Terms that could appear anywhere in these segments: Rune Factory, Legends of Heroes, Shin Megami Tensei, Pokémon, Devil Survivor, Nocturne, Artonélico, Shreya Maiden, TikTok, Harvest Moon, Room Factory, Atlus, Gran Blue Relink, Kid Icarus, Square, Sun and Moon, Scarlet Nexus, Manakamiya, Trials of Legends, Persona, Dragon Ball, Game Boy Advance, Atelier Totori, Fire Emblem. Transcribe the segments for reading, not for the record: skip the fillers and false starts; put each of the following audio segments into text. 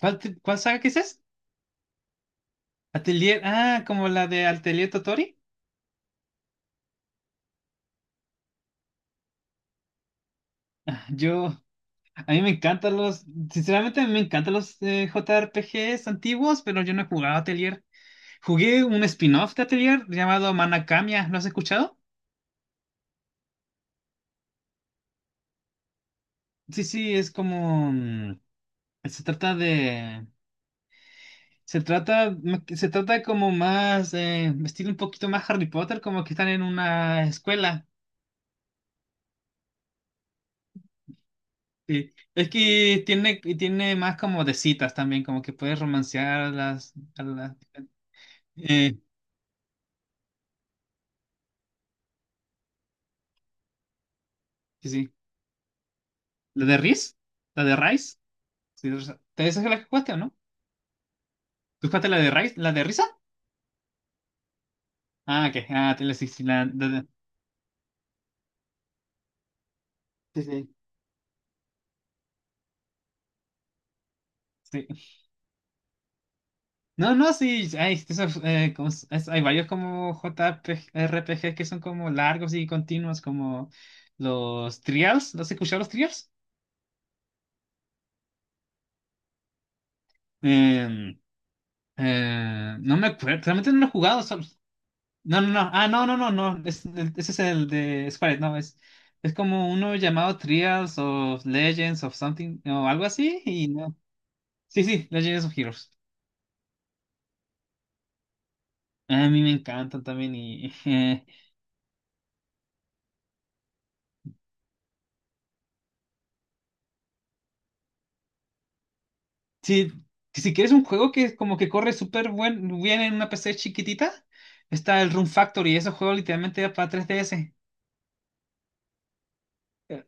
¿Cuál, cuál saga que es esa? Atelier, ah, como la de Atelier Totori. Ah, yo, a mí me encantan los, sinceramente me encantan los JRPGs antiguos, pero yo no he jugado Atelier. Jugué un spin-off de Atelier llamado Manakamiya, ¿lo has escuchado? Sí, sí, es como, se trata de, se trata como más, estilo un poquito más Harry Potter, como que están en una escuela. Sí, es que tiene más como de citas también, como que puedes romancear a las... A las eh, sí, sí. ¿La de Riz? ¿La de Rice? Sí, esa es la que jugaste, ¿o no? ¿Tú jugaste la de Rice? ¿La de Risa? Ah, ok. Ah, te la sí, sí, sí, sí. Sí. No, no, sí. Hay, esos, hay varios como JRPG que son como largos y continuos, como los Trials. ¿Los has escuchado los Trials? Em, no me acuerdo, realmente no lo he jugado. No, no, no. Ah, no, no, no, no. Ese es el de Squared, no, es como uno llamado Trials of Legends of Something o algo así. Y no. Sí, sí, Legends of Heroes. A mí me encantan también. Sí, si quieres un juego que como que corre súper bien en una PC chiquitita, está el Room Factory. Ese juego literalmente era para 3DS. Eh,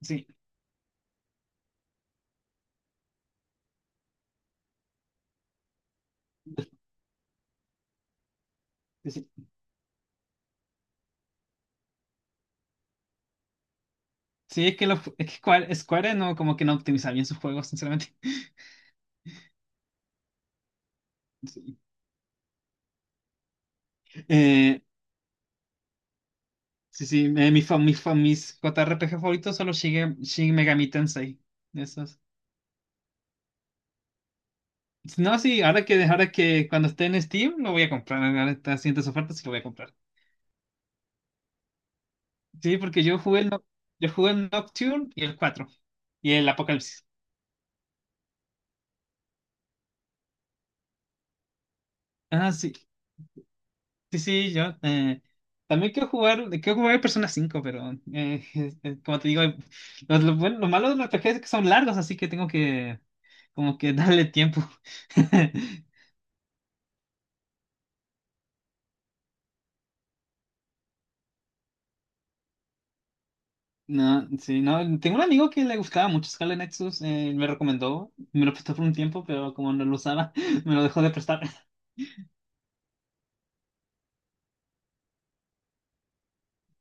Sí, sí, sí. Sí, es que, es que Square no, como que no optimiza bien sus juegos, sinceramente. Sí. Eh, Sí, sí, mis JRPG favoritos son los Shin Megami Tensei. Esos. No, sí, ahora que cuando esté en Steam lo voy a comprar. Ahora está haciendo sus ofertas y lo voy a comprar. Sí, porque yo jugué el Nocturne y el 4 y el Apocalipsis. Ah, sí, sí, sí, yo también quiero jugar, el Persona 5 pero como te digo, lo malo de los RPGs es que son largos, así que tengo que como que darle tiempo. No, sí, no. Tengo un amigo que le gustaba mucho Scarlet Nexus, me recomendó, me lo prestó por un tiempo, pero como no lo usaba, me lo dejó de prestar.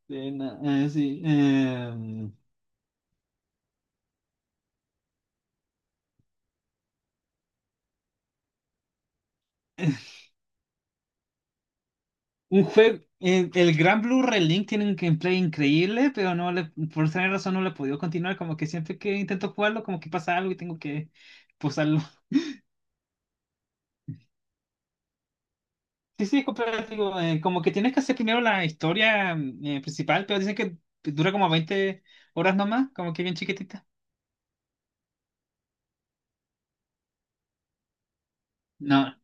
No, sí. Un juego, el Gran Blue Relink tiene un gameplay increíble, pero no le, por esa razón no le he podido continuar, como que siempre que intento jugarlo, como que pasa algo y tengo que posarlo. Sí, sí, es cooperativo, como que tienes que hacer primero la historia principal, pero dicen que dura como 20 horas nomás, como que bien chiquitita. No.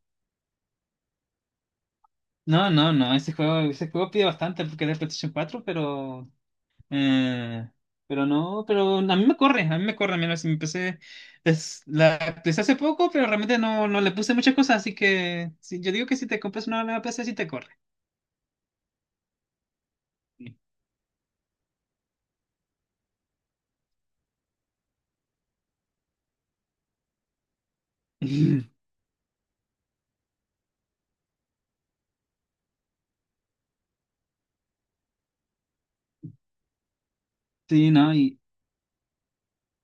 No, no, no, ese juego pide bastante porque era de PlayStation 4 pero eh, pero no, pero a mí me corre, mira, si me empecé, la empecé hace poco, pero realmente no le puse muchas cosas, así que sí, yo digo que si te compras una nueva PC sí te corre. Sí. Sí, no, y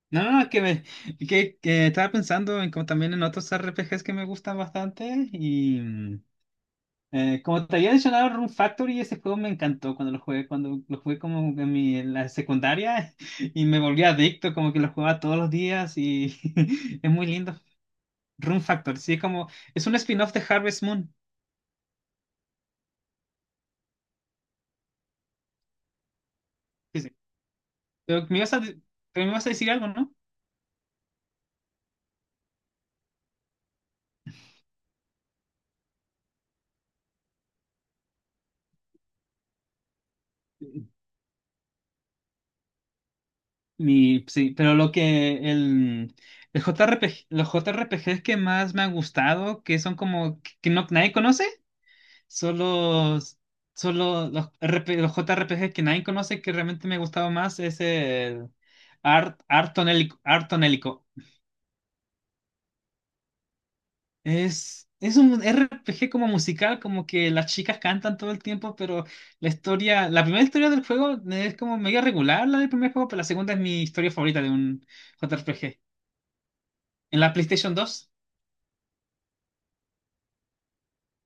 no, no, no, que estaba pensando en como también en otros RPGs que me gustan bastante y como te había mencionado, Rune Factory, ese juego me encantó cuando lo jugué como en la secundaria y me volví adicto, como que lo jugaba todos los días y es muy lindo. Rune Factory, sí, como es un spin-off de Harvest Moon. Sí, sí. Pero me ibas a decir algo, ¿no? Sí, pero lo que el JRPG, los JRPGs que más me han gustado, que son como que no, nadie conoce. Son los, son los JRPG que nadie conoce que realmente me gustaba más. Es el Artonélico. Artonélico. Es un RPG como musical, como que las chicas cantan todo el tiempo, pero la historia, la primera historia del juego es como medio regular, la del primer juego, pero la segunda es mi historia favorita de un JRPG. En la PlayStation 2.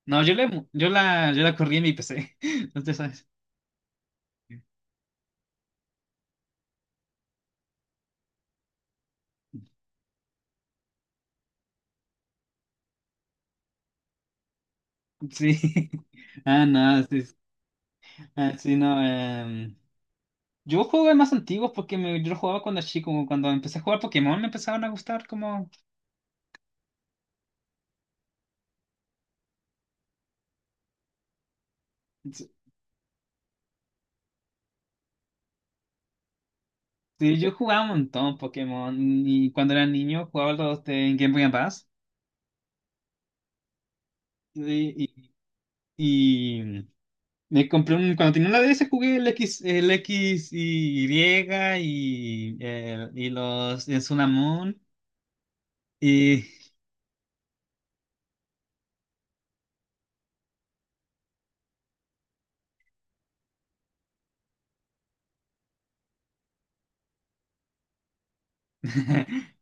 No, yo la corrí en mi PC. Entonces, ¿sabes? Sí. Ah, no, sí, ah, sí, no. Yo jugué más antiguos porque yo lo jugaba cuando chico, como cuando empecé a jugar Pokémon me empezaron a gustar como... Sí, yo jugaba un montón Pokémon y cuando era niño jugaba los de Game Boy Advance y, y me compré un... Cuando tenía una DS jugué el X, y los de Sun and Moon y...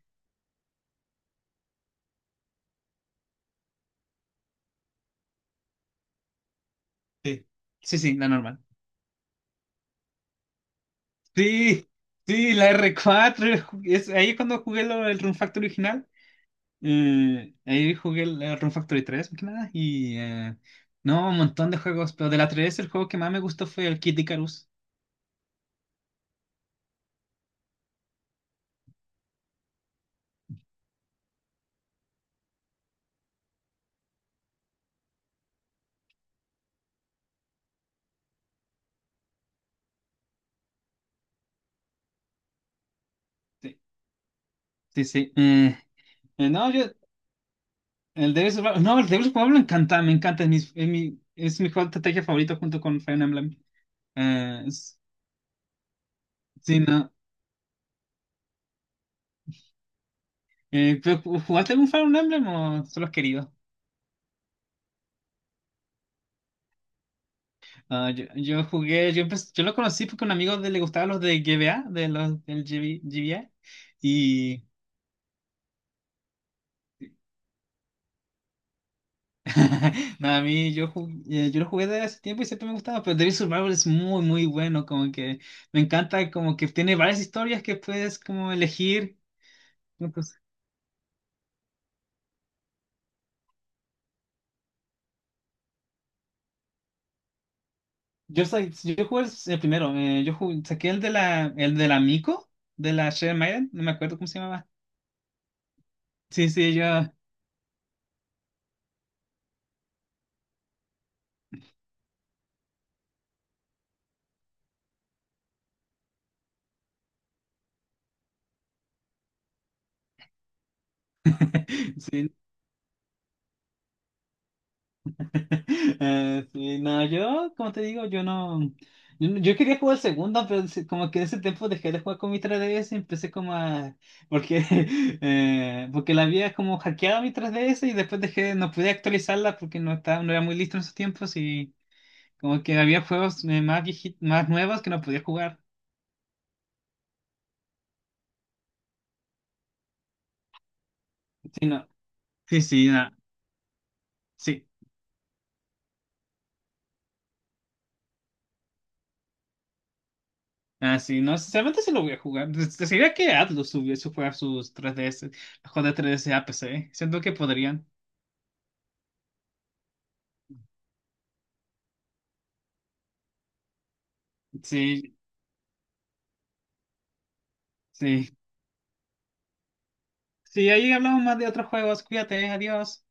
Sí, sí, sí, la normal. Sí, sí, la R4 ahí es cuando jugué el Rune Factor original. Ahí jugué el Rune Factory 3, más que nada, y no, un montón de juegos, pero de la 3 el juego que más me gustó fue el Kid Icarus. Sí, sí, sí. No, yo, el Devil Survival- no, el Devil Survival me encanta, es mi, es mi juego de estrategia favorito junto con Fire Emblem. Eh, es- sí, no. Pero, ¿jugaste algún Fire Emblem o solo has querido? Ah, yo jugué, yo, empecé- yo lo conocí porque a un amigo le gustaba los de GBA, de los del GB, GBA. No, a mí yo, ju- yo lo jugué de hace tiempo y siempre me gustaba, pero Devil Survivor es muy, muy bueno, como que me encanta, como que tiene varias historias que puedes como elegir. Entonces, yo jugué el primero, saqué el de la Miko, de la Shreya Maiden, no me acuerdo cómo se llamaba. Sí, sí, yo. Sí. Sí, no, yo, como te digo, yo no. Yo quería jugar segunda, pero como que en ese tiempo dejé de jugar con mi 3DS y empecé como a. Porque, porque la había como hackeado mi 3DS y después dejé, no pude actualizarla porque no estaba, no era muy listo en esos tiempos y como que había juegos más nuevos que no podía jugar. Sí, no. Sí, sí, no. Sí. Ah, sí, no, sinceramente sí lo voy a jugar. Pues, sería que Atlus subiese a jugar sus 3DS, los juegos de 3DS a PC. Siento que podrían. Sí, sí. Sí, ahí hablamos más de otros juegos. Cuídate, adiós.